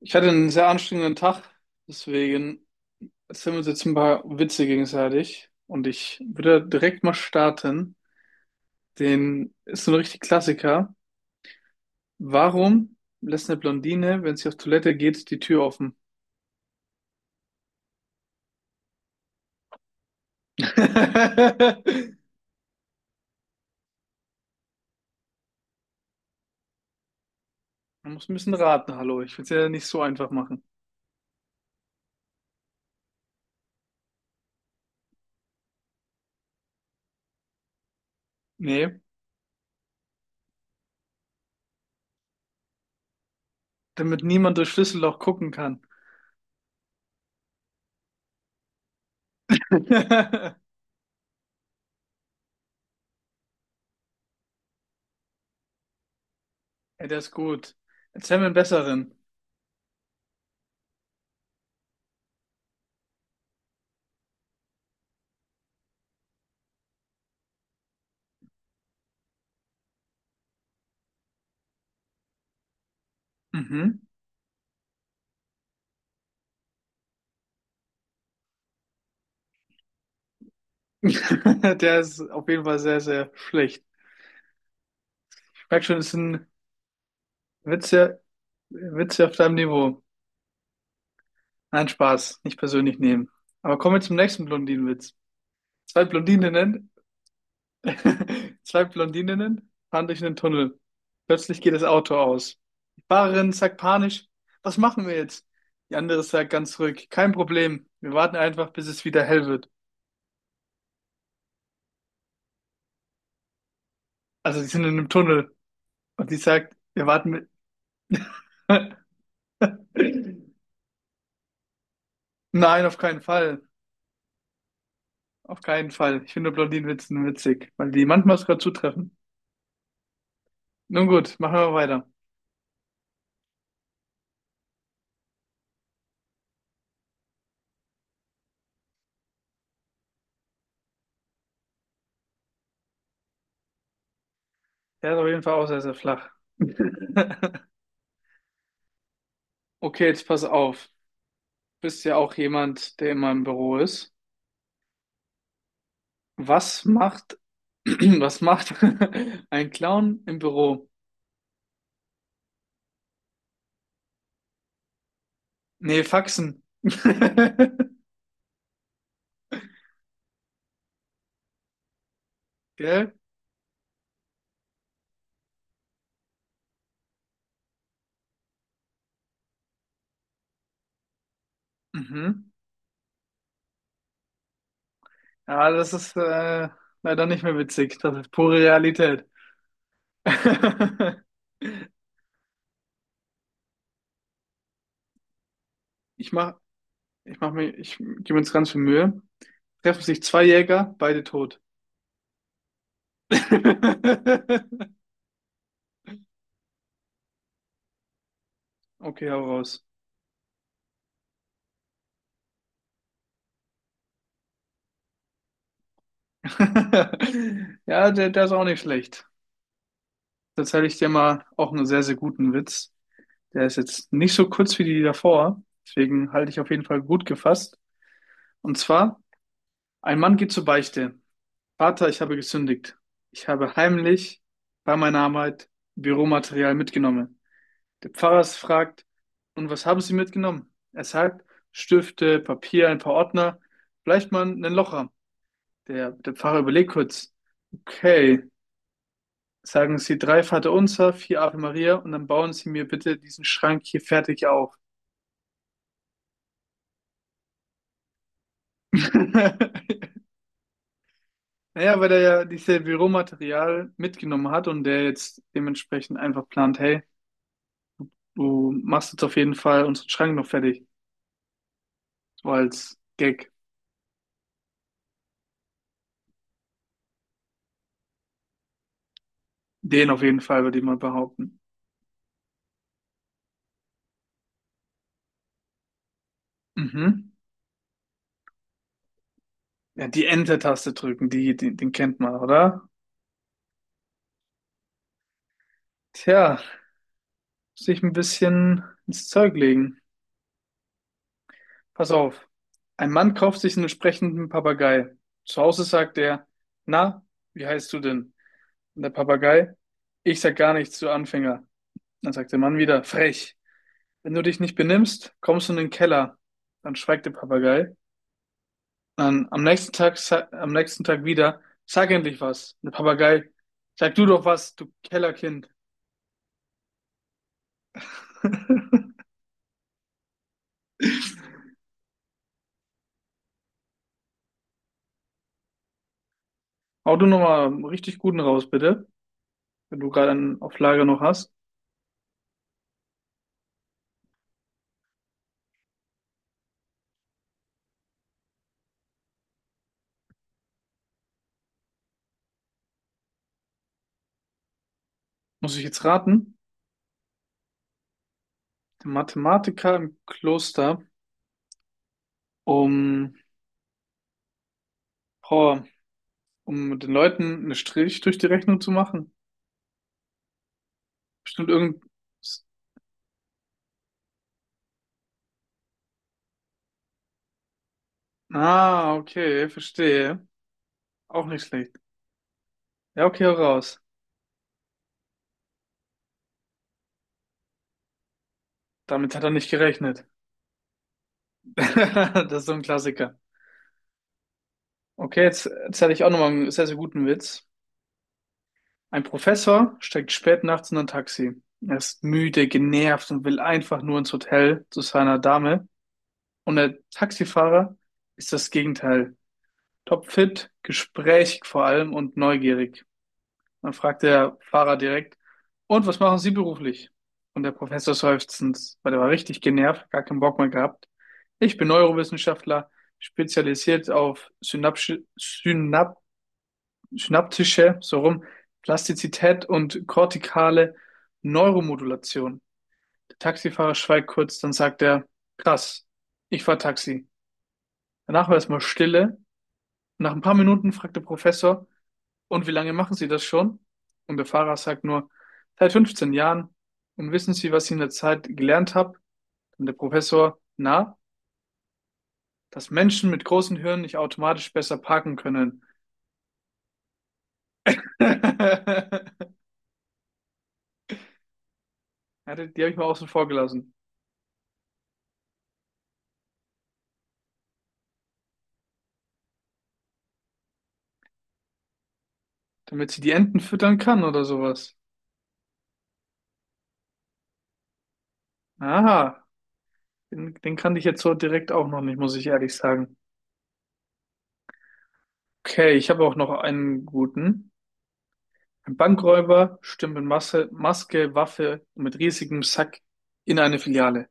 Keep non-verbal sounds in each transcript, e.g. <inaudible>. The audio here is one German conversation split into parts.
Ich hatte einen sehr anstrengenden Tag, deswegen erzählen wir uns jetzt ein paar Witze gegenseitig. Und ich würde direkt mal starten. Den ist so ein richtig Klassiker. Warum lässt eine Blondine, wenn sie auf Toilette geht, die Tür offen? <laughs> Man muss ein bisschen raten, hallo. Ich will es ja nicht so einfach machen. Nee, damit niemand durchs Schlüsselloch gucken kann. <laughs> Ey, der ist gut. Erzähl mir einen besseren. Mhm. <laughs> Der ist auf jeden Fall sehr, sehr schlecht. Ich merke schon, es sind Witze, Witze auf deinem Niveau. Nein, Spaß, nicht persönlich nehmen. Aber kommen wir zum nächsten Blondinenwitz. Zwei Blondininnen, <laughs> zwei Blondininnen fahren durch einen Tunnel. Plötzlich geht das Auto aus. Die Fahrerin sagt panisch, was machen wir jetzt? Die andere sagt ganz ruhig, kein Problem, wir warten einfach, bis es wieder hell wird. Also sie sind in einem Tunnel und die sagt, wir warten mit. <laughs> Nein, auf keinen Fall. Auf keinen Fall. Ich finde Blondinenwitze witzig, weil die manchmal sogar zutreffen. Nun gut, machen wir weiter. Der ist auf jeden Fall auch sehr, sehr flach. <laughs> Okay, jetzt pass auf. Bist ja auch jemand, der immer im Büro ist. Was macht, <clears throat> was macht <laughs> ein Clown im Büro? Nee, Faxen. <laughs> Gell? Mhm. Ja, das ist leider nicht mehr witzig. Das ist pure Realität. <laughs> Ich mach, Ich gebe mir jetzt ganz viel Mühe. Treffen sich zwei Jäger, beide tot. <laughs> Okay, hau raus. <laughs> Ja, der ist auch nicht schlecht. Da erzähle ich dir mal auch einen sehr, sehr guten Witz. Der ist jetzt nicht so kurz wie die davor, deswegen halte ich auf jeden Fall gut gefasst. Und zwar, ein Mann geht zur Beichte. Vater, ich habe gesündigt. Ich habe heimlich bei meiner Arbeit Büromaterial mitgenommen. Der Pfarrer fragt, und was haben Sie mitgenommen? Er sagt, Stifte, Papier, ein paar Ordner, vielleicht mal einen Locher. Der Pfarrer überlegt kurz, okay. Sagen Sie drei Vaterunser, vier Ave Maria und dann bauen Sie mir bitte diesen Schrank hier fertig auf. <laughs> Naja, weil er ja dieses Büromaterial mitgenommen hat und der jetzt dementsprechend einfach plant, hey, du machst jetzt auf jeden Fall unseren Schrank noch fertig. So als Gag. Den auf jeden Fall, würde ich mal behaupten. Mhm. Ja, die Enter-Taste drücken, den kennt man, oder? Tja, muss ich ein bisschen ins Zeug legen. Pass auf. Ein Mann kauft sich einen sprechenden Papagei. Zu Hause sagt er, na, wie heißt du denn? Und der Papagei, ich sag gar nichts, du Anfänger. Dann sagt der Mann wieder, frech. Wenn du dich nicht benimmst, kommst du in den Keller. Dann schweigt der Papagei. Dann am nächsten Tag, am nächsten Tag wieder, sag endlich was. Und der Papagei, sag du doch was, du Kellerkind. <laughs> Hau du nochmal einen richtig guten raus, bitte. Wenn du gerade einen auf Lager noch hast. Muss ich jetzt raten? Der Mathematiker im Kloster, um, boah, um den Leuten einen Strich durch die Rechnung zu machen. Bestimmt irgend. Ah, okay, verstehe. Auch nicht schlecht. Ja, okay, hau raus. Damit hat er nicht gerechnet. <laughs> Das ist so ein Klassiker. Okay, jetzt erzähle ich auch nochmal einen sehr, sehr guten Witz. Ein Professor steigt spät nachts in ein Taxi. Er ist müde, genervt und will einfach nur ins Hotel zu seiner Dame. Und der Taxifahrer ist das Gegenteil. Topfit, gesprächig vor allem und neugierig. Dann fragt der Fahrer direkt, und was machen Sie beruflich? Und der Professor seufzend, weil der war richtig genervt, gar keinen Bock mehr gehabt. Ich bin Neurowissenschaftler, spezialisiert auf synaptische, so rum, Plastizität und kortikale Neuromodulation. Der Taxifahrer schweigt kurz, dann sagt er, krass, ich fahr Taxi. Danach war erstmal Stille. Nach ein paar Minuten fragt der Professor, und wie lange machen Sie das schon? Und der Fahrer sagt nur, seit 15 Jahren. Und wissen Sie, was ich in der Zeit gelernt habe? Und der Professor, na, dass Menschen mit großen Hirnen nicht automatisch besser parken können. <laughs> Ja, die habe ich mal außen vor gelassen. Damit sie die Enten füttern kann oder sowas. Aha, den kannte ich jetzt so direkt auch noch nicht, muss ich ehrlich sagen. Okay, ich habe auch noch einen guten. Ein Bankräuber stürmt mit Masse, Maske, Waffe und mit riesigem Sack in eine Filiale.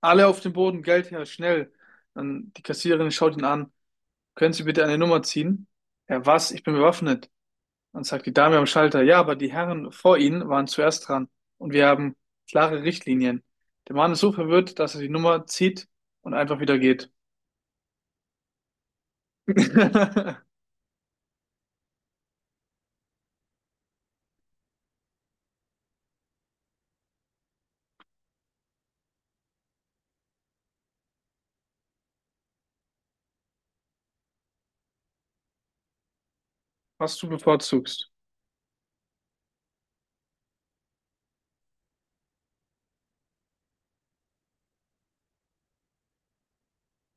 Alle auf den Boden, Geld her, schnell. Dann die Kassiererin schaut ihn an. Können Sie bitte eine Nummer ziehen? Er, was? Ich bin bewaffnet. Dann sagt die Dame am Schalter, ja, aber die Herren vor Ihnen waren zuerst dran und wir haben klare Richtlinien. Der Mann ist so verwirrt, dass er die Nummer zieht und einfach wieder geht. <laughs> Was du bevorzugst?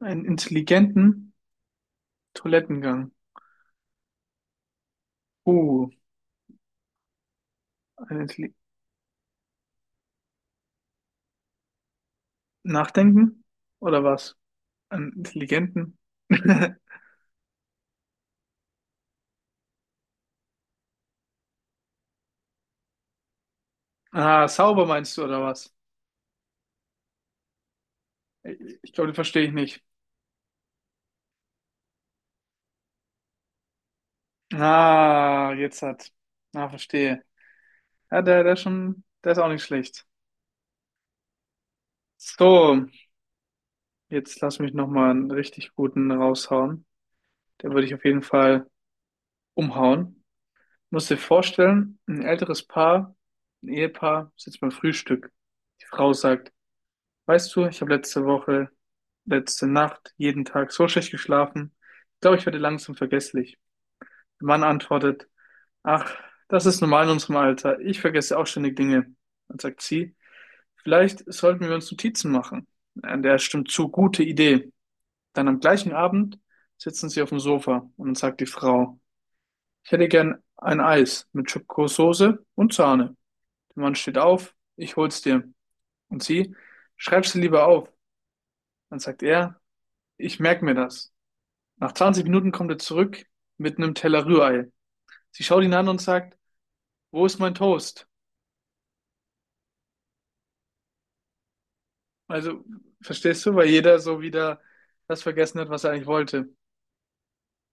Einen intelligenten Toilettengang. Uh, ein Intelli nachdenken? Oder was? Einen intelligenten? <laughs> Ah, sauber meinst du, oder was? Ich glaube, den verstehe ich nicht. Ah, jetzt hat. Ah, verstehe. Ja, der ist schon, der ist auch nicht schlecht. So, jetzt lass mich nochmal einen richtig guten raushauen. Den würde ich auf jeden Fall umhauen. Musst dir vorstellen, ein älteres Paar, ein Ehepaar, sitzt beim Frühstück. Die Frau sagt, weißt du, ich habe letzte Nacht, jeden Tag so schlecht geschlafen. Ich glaube, ich werde langsam vergesslich. Der Mann antwortet, ach, das ist normal in unserem Alter. Ich vergesse auch ständig Dinge. Dann sagt sie, vielleicht sollten wir uns Notizen machen. An der stimmt zu, gute Idee. Dann am gleichen Abend sitzen sie auf dem Sofa und dann sagt die Frau, ich hätte gern ein Eis mit Schokosoße und Sahne. Der Mann steht auf, ich hol's dir. Und sie, schreib's sie lieber auf. Dann sagt er, ich merk mir das. Nach 20 Minuten kommt er zurück mit einem Teller Rührei. Sie schaut ihn an und sagt, wo ist mein Toast? Also, verstehst du, weil jeder so wieder das vergessen hat, was er eigentlich wollte.